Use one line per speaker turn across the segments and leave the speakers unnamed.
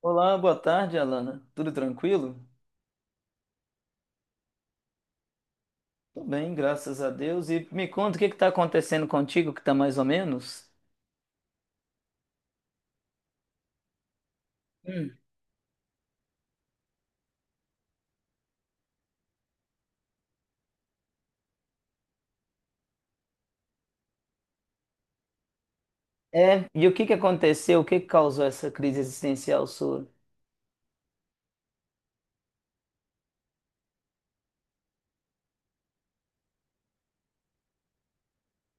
Olá, boa tarde, Alana. Tudo tranquilo? Tô bem, graças a Deus. E me conta o que está acontecendo contigo, que tá mais ou menos? Hum. É, e o que aconteceu? O que causou essa crise existencial sua?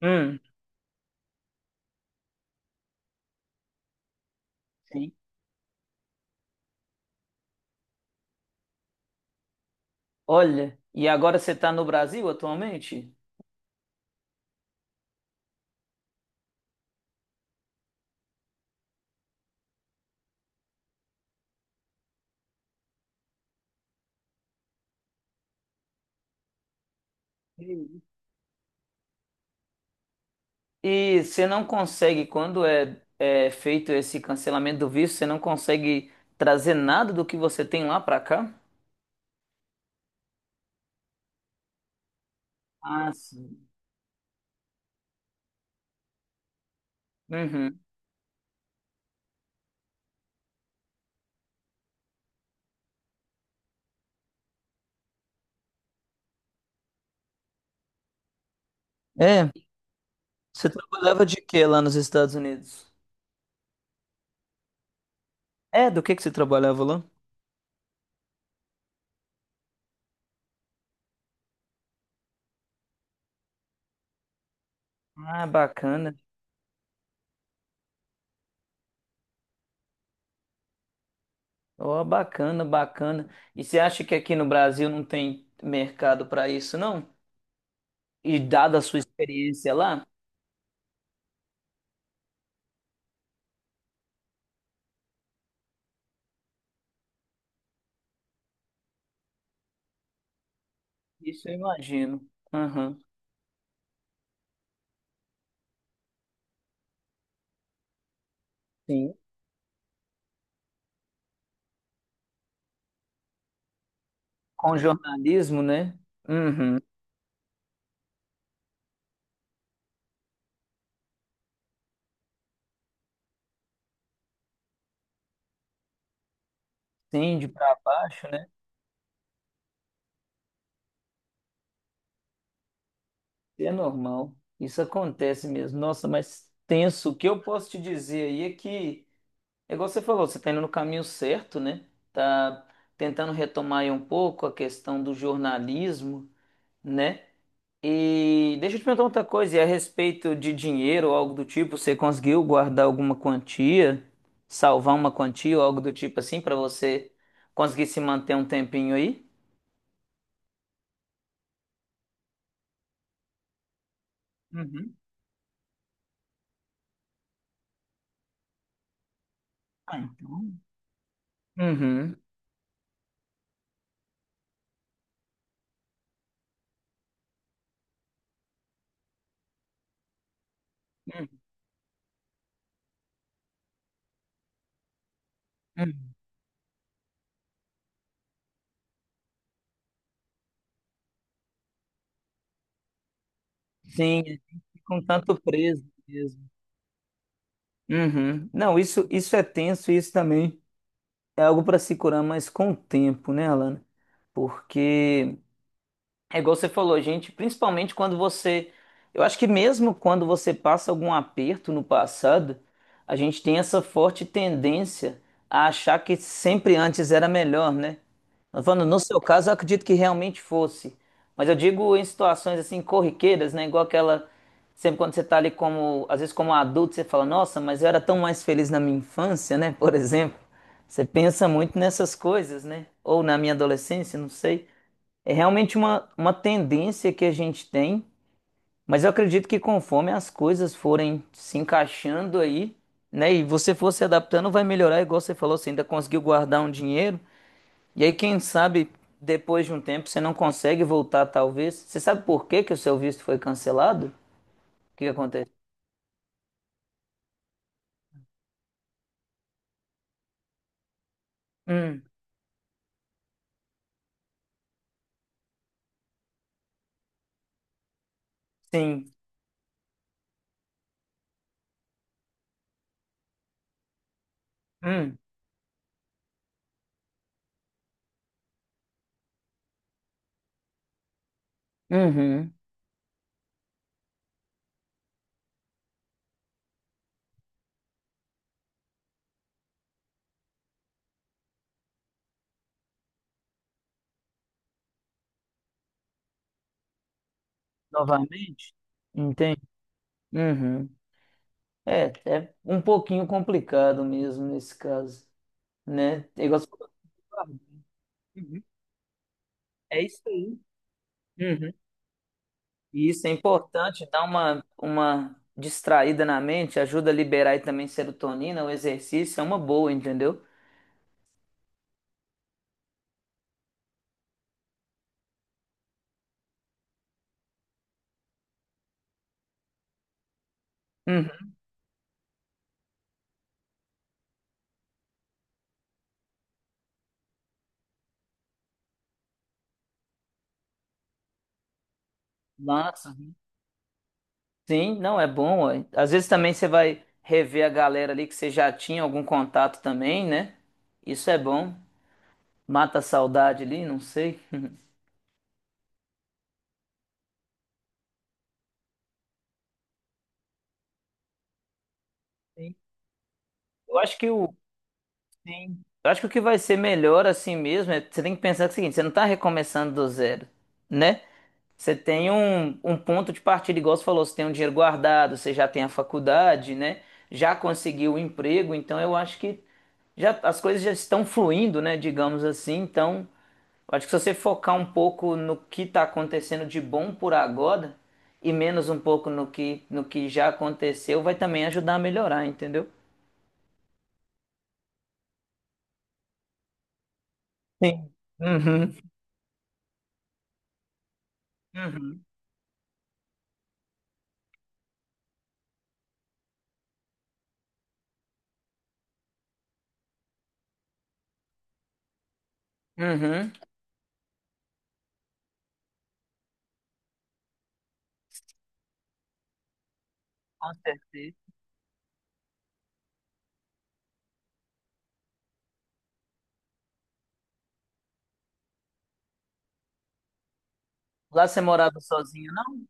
Hum. Sim. Olha, e agora você está no Brasil atualmente? Sim. E você não consegue, quando é feito esse cancelamento do visto, você não consegue trazer nada do que você tem lá para cá? Ah, sim. Uhum. É, você trabalhava de quê lá nos Estados Unidos? É, do que você trabalhava lá? Ah, bacana. Ó, bacana, bacana. E você acha que aqui no Brasil não tem mercado para isso, não? E dada a sua experiência lá? Isso eu imagino. Aham, sim. Com jornalismo, né? Uhum. Sim, de para baixo, né? É normal. Isso acontece mesmo. Nossa, mas tenso. O que eu posso te dizer aí é que é igual você falou, você está indo no caminho certo, né? Tá tentando retomar aí um pouco a questão do jornalismo, né? E deixa eu te perguntar outra coisa, e a respeito de dinheiro ou algo do tipo, você conseguiu guardar alguma quantia, salvar uma quantia ou algo do tipo assim pra você conseguir se manter um tempinho aí? Uhum. Ah, então. Uhum. Uhum. Sim, com tanto preso mesmo. Uhum. Não, isso é tenso e isso também é algo para se curar, mas com o tempo, né, Alana? Porque é igual você falou, gente, principalmente quando você... Eu acho que mesmo quando você passa algum aperto no passado, a gente tem essa forte tendência a achar que sempre antes era melhor, né? Eu tô falando, no seu caso, eu acredito que realmente fosse. Mas eu digo em situações assim corriqueiras, né? Igual aquela. Sempre quando você tá ali como... Às vezes, como adulto, você fala, nossa, mas eu era tão mais feliz na minha infância, né? Por exemplo. Você pensa muito nessas coisas, né? Ou na minha adolescência, não sei. É realmente uma tendência que a gente tem, mas eu acredito que conforme as coisas forem se encaixando aí, né, e você for se adaptando, vai melhorar, igual você falou, você ainda conseguiu guardar um dinheiro, e aí quem sabe depois de um tempo você não consegue voltar, talvez. Você sabe por que que o seu visto foi cancelado? O que aconteceu? Hum, sim. Hum, uhum. Novamente? Entendi. Uhum. É, é um pouquinho complicado mesmo nesse caso, né? É igual você falou. Uhum. É isso aí. Uhum. E isso é importante, dá uma distraída na mente, ajuda a liberar aí também serotonina, o exercício é uma boa, entendeu? Uhum. Massa. Sim, não, é bom. Ó, às vezes também você vai rever a galera ali que você já tinha algum contato também, né? Isso é bom. Mata a saudade ali, não sei. Sim. Eu acho que o, sim. Eu acho que o que vai ser melhor assim mesmo é você tem que pensar o seguinte, você não tá recomeçando do zero, né? Você tem um ponto de partida, igual você falou, você tem um dinheiro guardado, você já tem a faculdade, né? Já conseguiu o emprego, então eu acho que já as coisas já estão fluindo, né? Digamos assim. Então, eu acho que se você focar um pouco no que está acontecendo de bom por agora e menos um pouco no que, no que já aconteceu, vai também ajudar a melhorar, entendeu? Sim. Uhum. Uhum. Uhum. Com certeza. Lá você morava sozinho, não?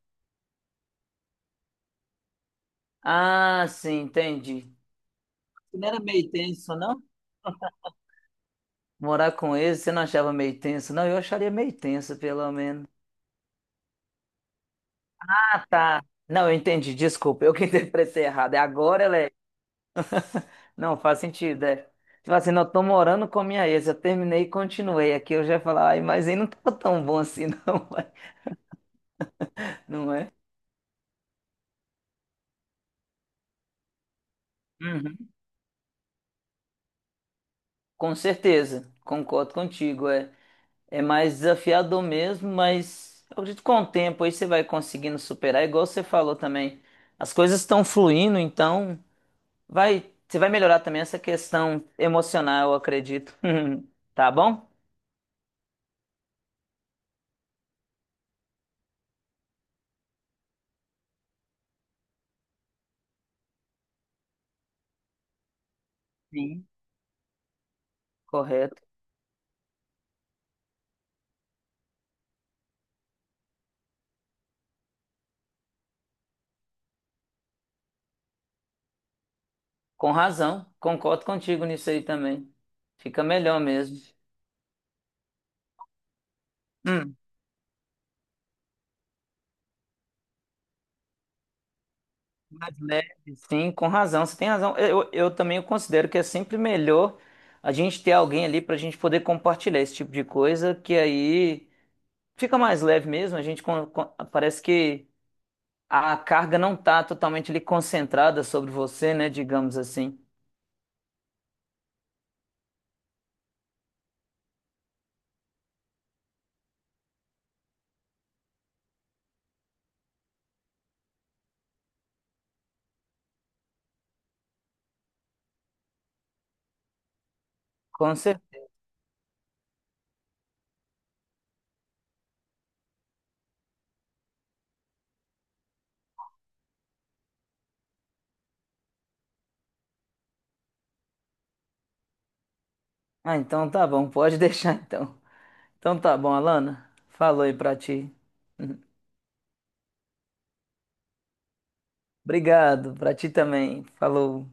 Ah, sim, entendi. Você não era meio tenso, não? Morar com eles, você não achava meio tenso? Não, eu acharia meio tenso, pelo menos. Ah, tá. Não, eu entendi, desculpa, eu que interpretei errado. É agora ela é. Não, faz sentido, é. Tipo assim, não, eu tô morando com a minha ex, eu terminei e continuei. Aqui eu já ia falar, ai, mas aí não tava tão bom assim, não, não é? Uhum. Com certeza, concordo contigo, é. É mais desafiador mesmo, mas eu acredito que com o tempo aí você vai conseguindo superar, igual você falou também. As coisas estão fluindo, então vai, você vai melhorar também essa questão emocional, eu acredito. Tá bom? Sim. Correto. Com razão. Concordo contigo nisso aí também. Fica melhor mesmo. Hum, mais leve. Sim, com razão. Você tem razão. Eu também considero que é sempre melhor a gente ter alguém ali para a gente poder compartilhar esse tipo de coisa, que aí fica mais leve mesmo. A gente parece que a carga não tá totalmente ali concentrada sobre você, né? Digamos assim. Com certeza. Ah, então tá bom, pode deixar então. Então tá bom, Alana. Falou aí pra ti. Obrigado, pra ti também. Falou.